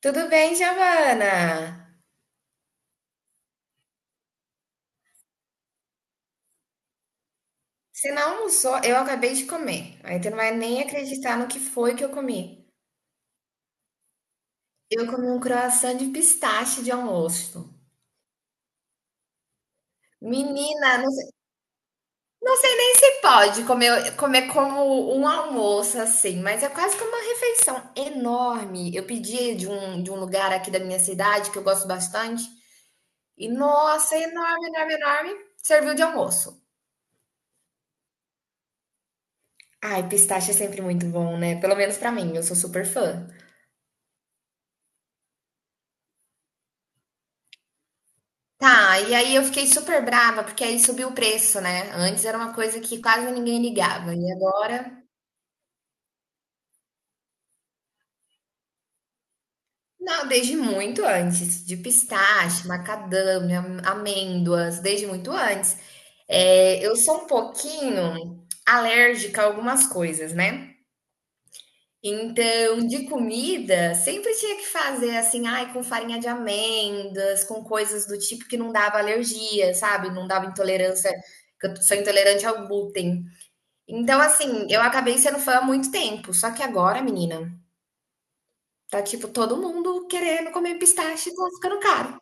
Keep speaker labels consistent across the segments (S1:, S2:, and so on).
S1: Tudo bem, Giovana? Você não almoçou? Eu acabei de comer. Aí tu não vai nem acreditar no que foi que eu comi. Eu comi um croissant de pistache de almoço. Menina, não sei nem se pode comer como um almoço assim, mas é quase que uma refeição enorme. Eu pedi de um lugar aqui da minha cidade que eu gosto bastante. E nossa, enorme, enorme, enorme. Serviu de almoço. Ai, pistache é sempre muito bom, né? Pelo menos pra mim, eu sou super fã. Tá, e aí eu fiquei super brava, porque aí subiu o preço, né? Antes era uma coisa que quase ninguém ligava, e agora. Não, desde muito antes, de pistache, macadâmia, amêndoas, desde muito antes. É, eu sou um pouquinho alérgica a algumas coisas, né? Então, de comida, sempre tinha que fazer assim, ai, com farinha de amêndoas, com coisas do tipo que não dava alergia, sabe? Não dava intolerância, que eu sou intolerante ao glúten. Então, assim, eu acabei sendo fã há muito tempo, só que agora, menina, tá tipo todo mundo querendo comer pistache e tá ficando caro.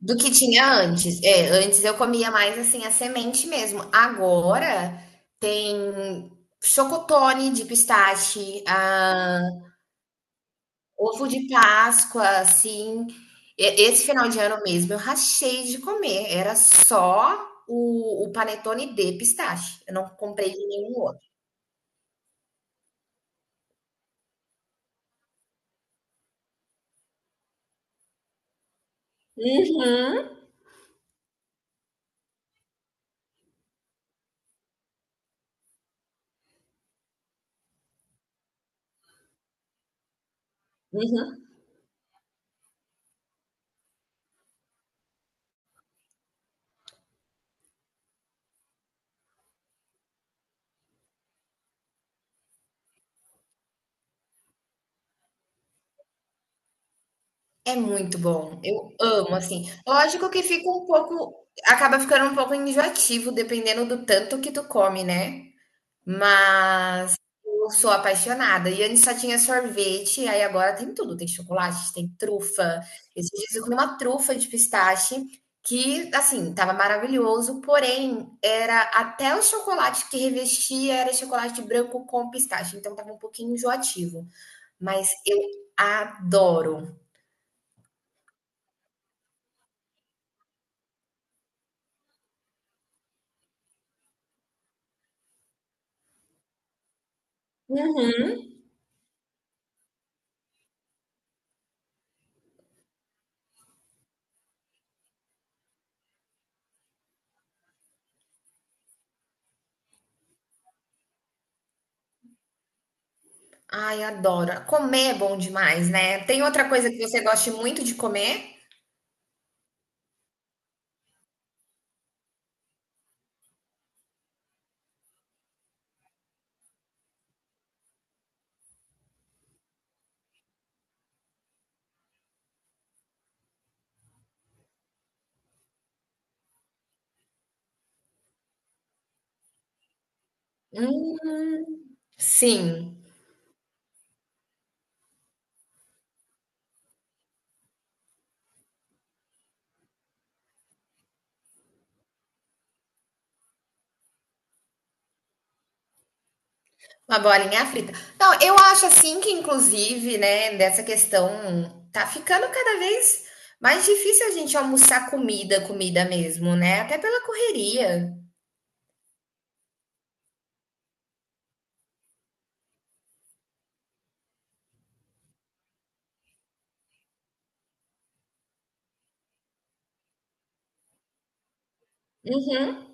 S1: Do que tinha antes. É, antes eu comia mais assim a semente mesmo. Agora tem chocotone de pistache, ah, ovo de Páscoa, assim. Esse final de ano mesmo eu rachei de comer. Era só o panetone de pistache. Eu não comprei de nenhum outro. Uhum, uhum. É muito bom, eu amo, assim. Lógico que fica um pouco acaba ficando um pouco enjoativo dependendo do tanto que tu come, né, mas eu sou apaixonada. E antes só tinha sorvete, aí agora tem tudo, tem chocolate, tem trufa. Esses dias eu comi uma trufa de pistache que, assim, estava maravilhoso, porém era até o chocolate que revestia era chocolate branco com pistache, então estava um pouquinho enjoativo, mas eu adoro. Uhum. Ai, adoro. Comer é bom demais, né. Tem outra coisa que você goste muito de comer? Hum, sim, uma bolinha frita. Não, eu acho assim que inclusive, né, dessa questão tá ficando cada vez mais difícil a gente almoçar comida, comida mesmo, né, até pela correria. Uhum.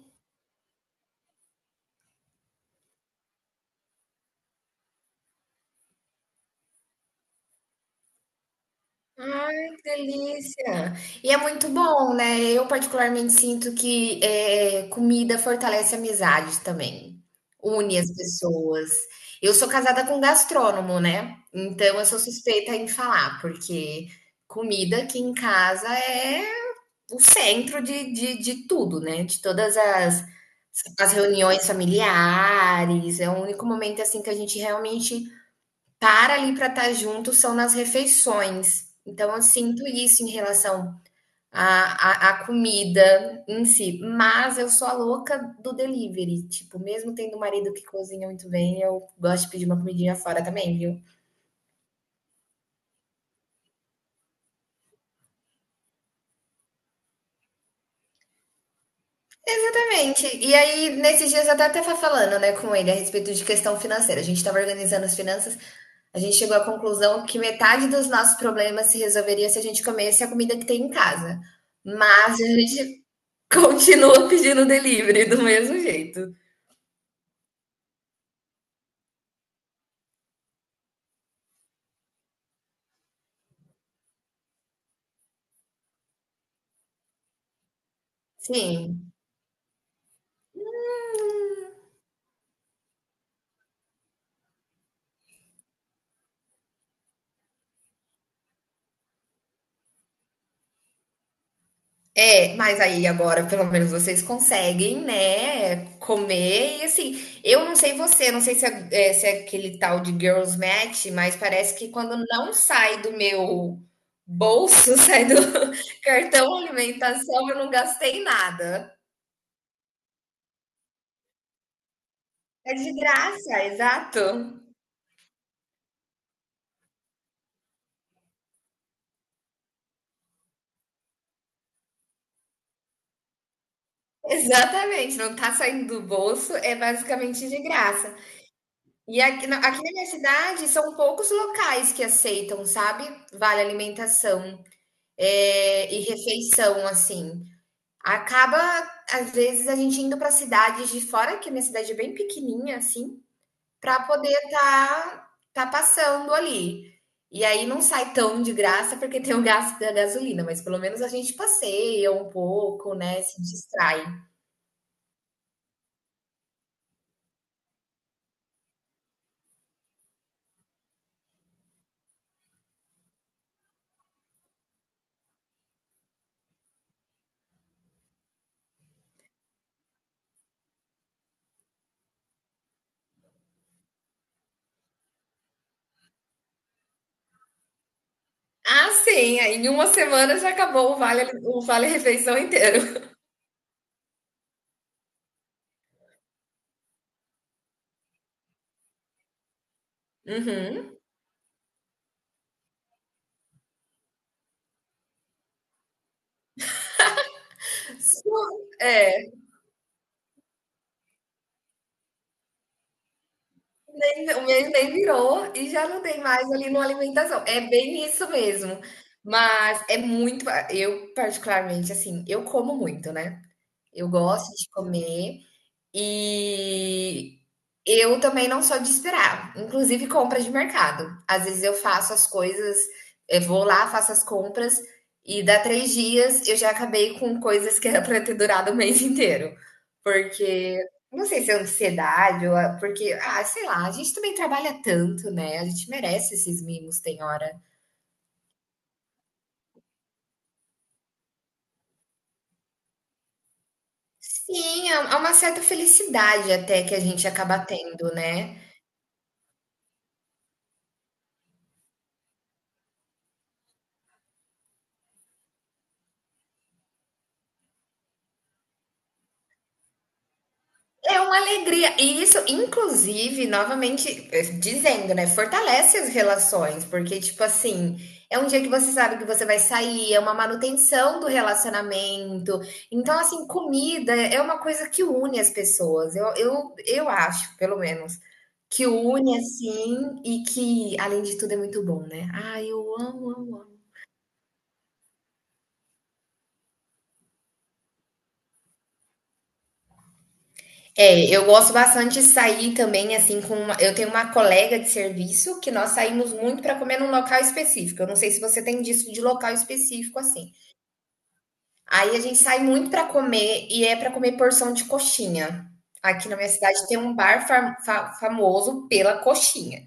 S1: Ai, que delícia! E é muito bom, né? Eu particularmente sinto que é comida fortalece amizades também, une as pessoas. Eu sou casada com um gastrônomo, né? Então eu sou suspeita em falar, porque comida aqui em casa é o centro de tudo, né? De todas as reuniões familiares, é o único momento assim que a gente realmente estar ali para estar junto são nas refeições. Então, eu sinto isso em relação à comida em si. Mas eu sou a louca do delivery. Tipo, mesmo tendo um marido que cozinha muito bem, eu gosto de pedir uma comidinha fora também, viu? Exatamente. E aí, nesses dias, eu até estava falando né, com ele a respeito de questão financeira. A gente estava organizando as finanças. A gente chegou à conclusão que metade dos nossos problemas se resolveria se a gente comesse a comida que tem em casa. Mas a gente continua pedindo delivery do mesmo jeito. Sim, é, mas aí agora pelo menos vocês conseguem, né, comer e assim, eu não sei você, não sei se é aquele tal de girls match, mas parece que quando não sai do meu bolso, sai do cartão alimentação, eu não gastei nada. É de graça, exato. Exatamente, não tá saindo do bolso, é basicamente de graça. E aqui na minha cidade são poucos locais que aceitam, sabe, vale alimentação, e refeição, assim. Acaba, às vezes, a gente indo para cidades de fora, que a minha cidade é bem pequenininha, assim, para poder estar passando ali. E aí não sai tão de graça, porque tem o gasto da gasolina, mas pelo menos a gente passeia um pouco, né, se distrai. Ah, sim, aí em uma semana já acabou o vale refeição inteiro. Uhum. É, o meu nem virou e já não tem mais ali no alimentação. É bem isso mesmo. Mas é muito. Eu, particularmente, assim, eu como muito, né? Eu gosto de comer. E eu também não sou de esperar, inclusive compra de mercado. Às vezes eu faço as coisas, eu vou lá, faço as compras e dá 3 dias eu já acabei com coisas que era para ter durado o mês inteiro. Porque não sei se é ansiedade ou porque, ah, sei lá, a gente também trabalha tanto, né? A gente merece esses mimos, tem hora. Sim, há é uma certa felicidade até que a gente acaba tendo, né? É uma alegria. E isso, inclusive, novamente dizendo, né? Fortalece as relações, porque, tipo assim, é um dia que você sabe que você vai sair, é uma manutenção do relacionamento. Então, assim, comida é uma coisa que une as pessoas. Eu acho, pelo menos, que une, assim, e que, além de tudo, é muito bom, né? Ah, eu amo, amo, É, eu gosto bastante de sair também, assim, com uma eu tenho uma colega de serviço que nós saímos muito para comer num local específico. Eu não sei se você tem disso de local específico, assim. Aí a gente sai muito para comer e é para comer porção de coxinha. Aqui na minha cidade tem um bar fa fa famoso pela coxinha.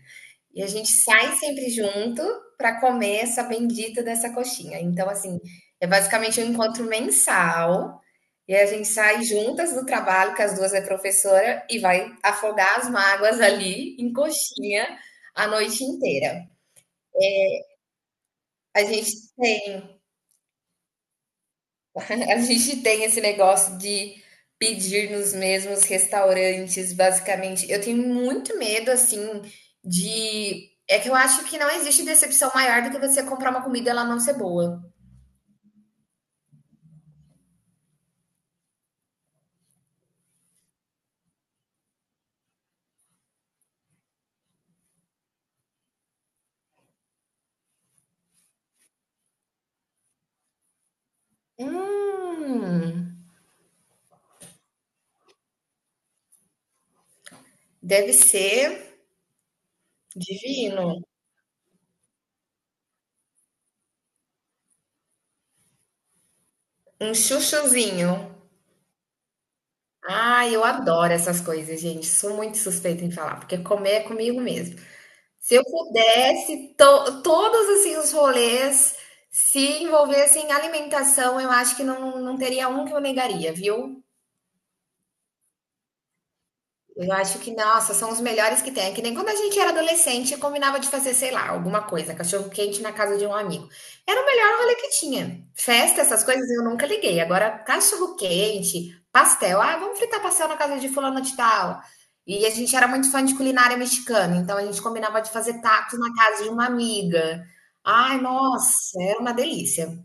S1: E a gente sai sempre junto para comer essa bendita dessa coxinha. Então, assim, é basicamente um encontro mensal e a gente sai juntas do trabalho, que as duas é professora, e vai afogar as mágoas ali em coxinha a noite inteira. A gente tem, a gente tem esse negócio de pedir nos mesmos restaurantes, basicamente. Eu tenho muito medo, assim, de. É que eu acho que não existe decepção maior do que você comprar uma comida e ela não ser boa. Hum, deve ser divino. Um chuchuzinho. Ah, eu adoro essas coisas, gente. Sou muito suspeita em falar, porque comer é comigo mesmo. Se eu pudesse, todos assim os rolês se envolvessem em alimentação, eu acho que não, não teria um que eu negaria, viu? Eu acho que, nossa, são os melhores que tem. É que nem quando a gente era adolescente, combinava de fazer, sei lá, alguma coisa, cachorro quente na casa de um amigo. Era o melhor rolê que tinha. Festa, essas coisas eu nunca liguei. Agora, cachorro quente, pastel. Ah, vamos fritar pastel na casa de fulano de tal. E a gente era muito fã de culinária mexicana, então a gente combinava de fazer tacos na casa de uma amiga. Ai, nossa, era uma delícia.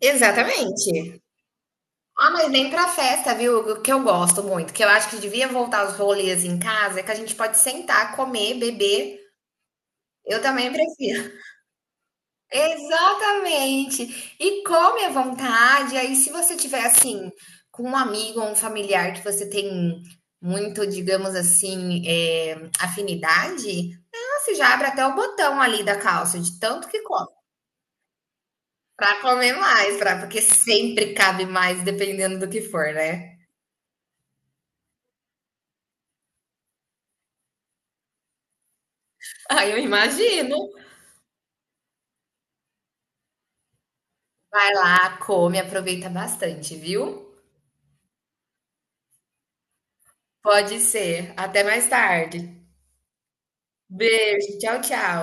S1: Exatamente. Ah, mas nem pra festa, viu? O que eu gosto muito, que eu acho que devia voltar os rolês em casa, é que a gente pode sentar, comer, beber. Eu também prefiro. Exatamente. E come à vontade. Aí, se você tiver assim, com um amigo ou um familiar que você tem muito, digamos assim, é, afinidade, ah, você já abre até o botão ali da calça, de tanto que come. Pra comer mais, pra, porque sempre cabe mais, dependendo do que for, né? Aí eu imagino. Vai lá, come, aproveita bastante, viu? Pode ser. Até mais tarde. Beijo, tchau, tchau.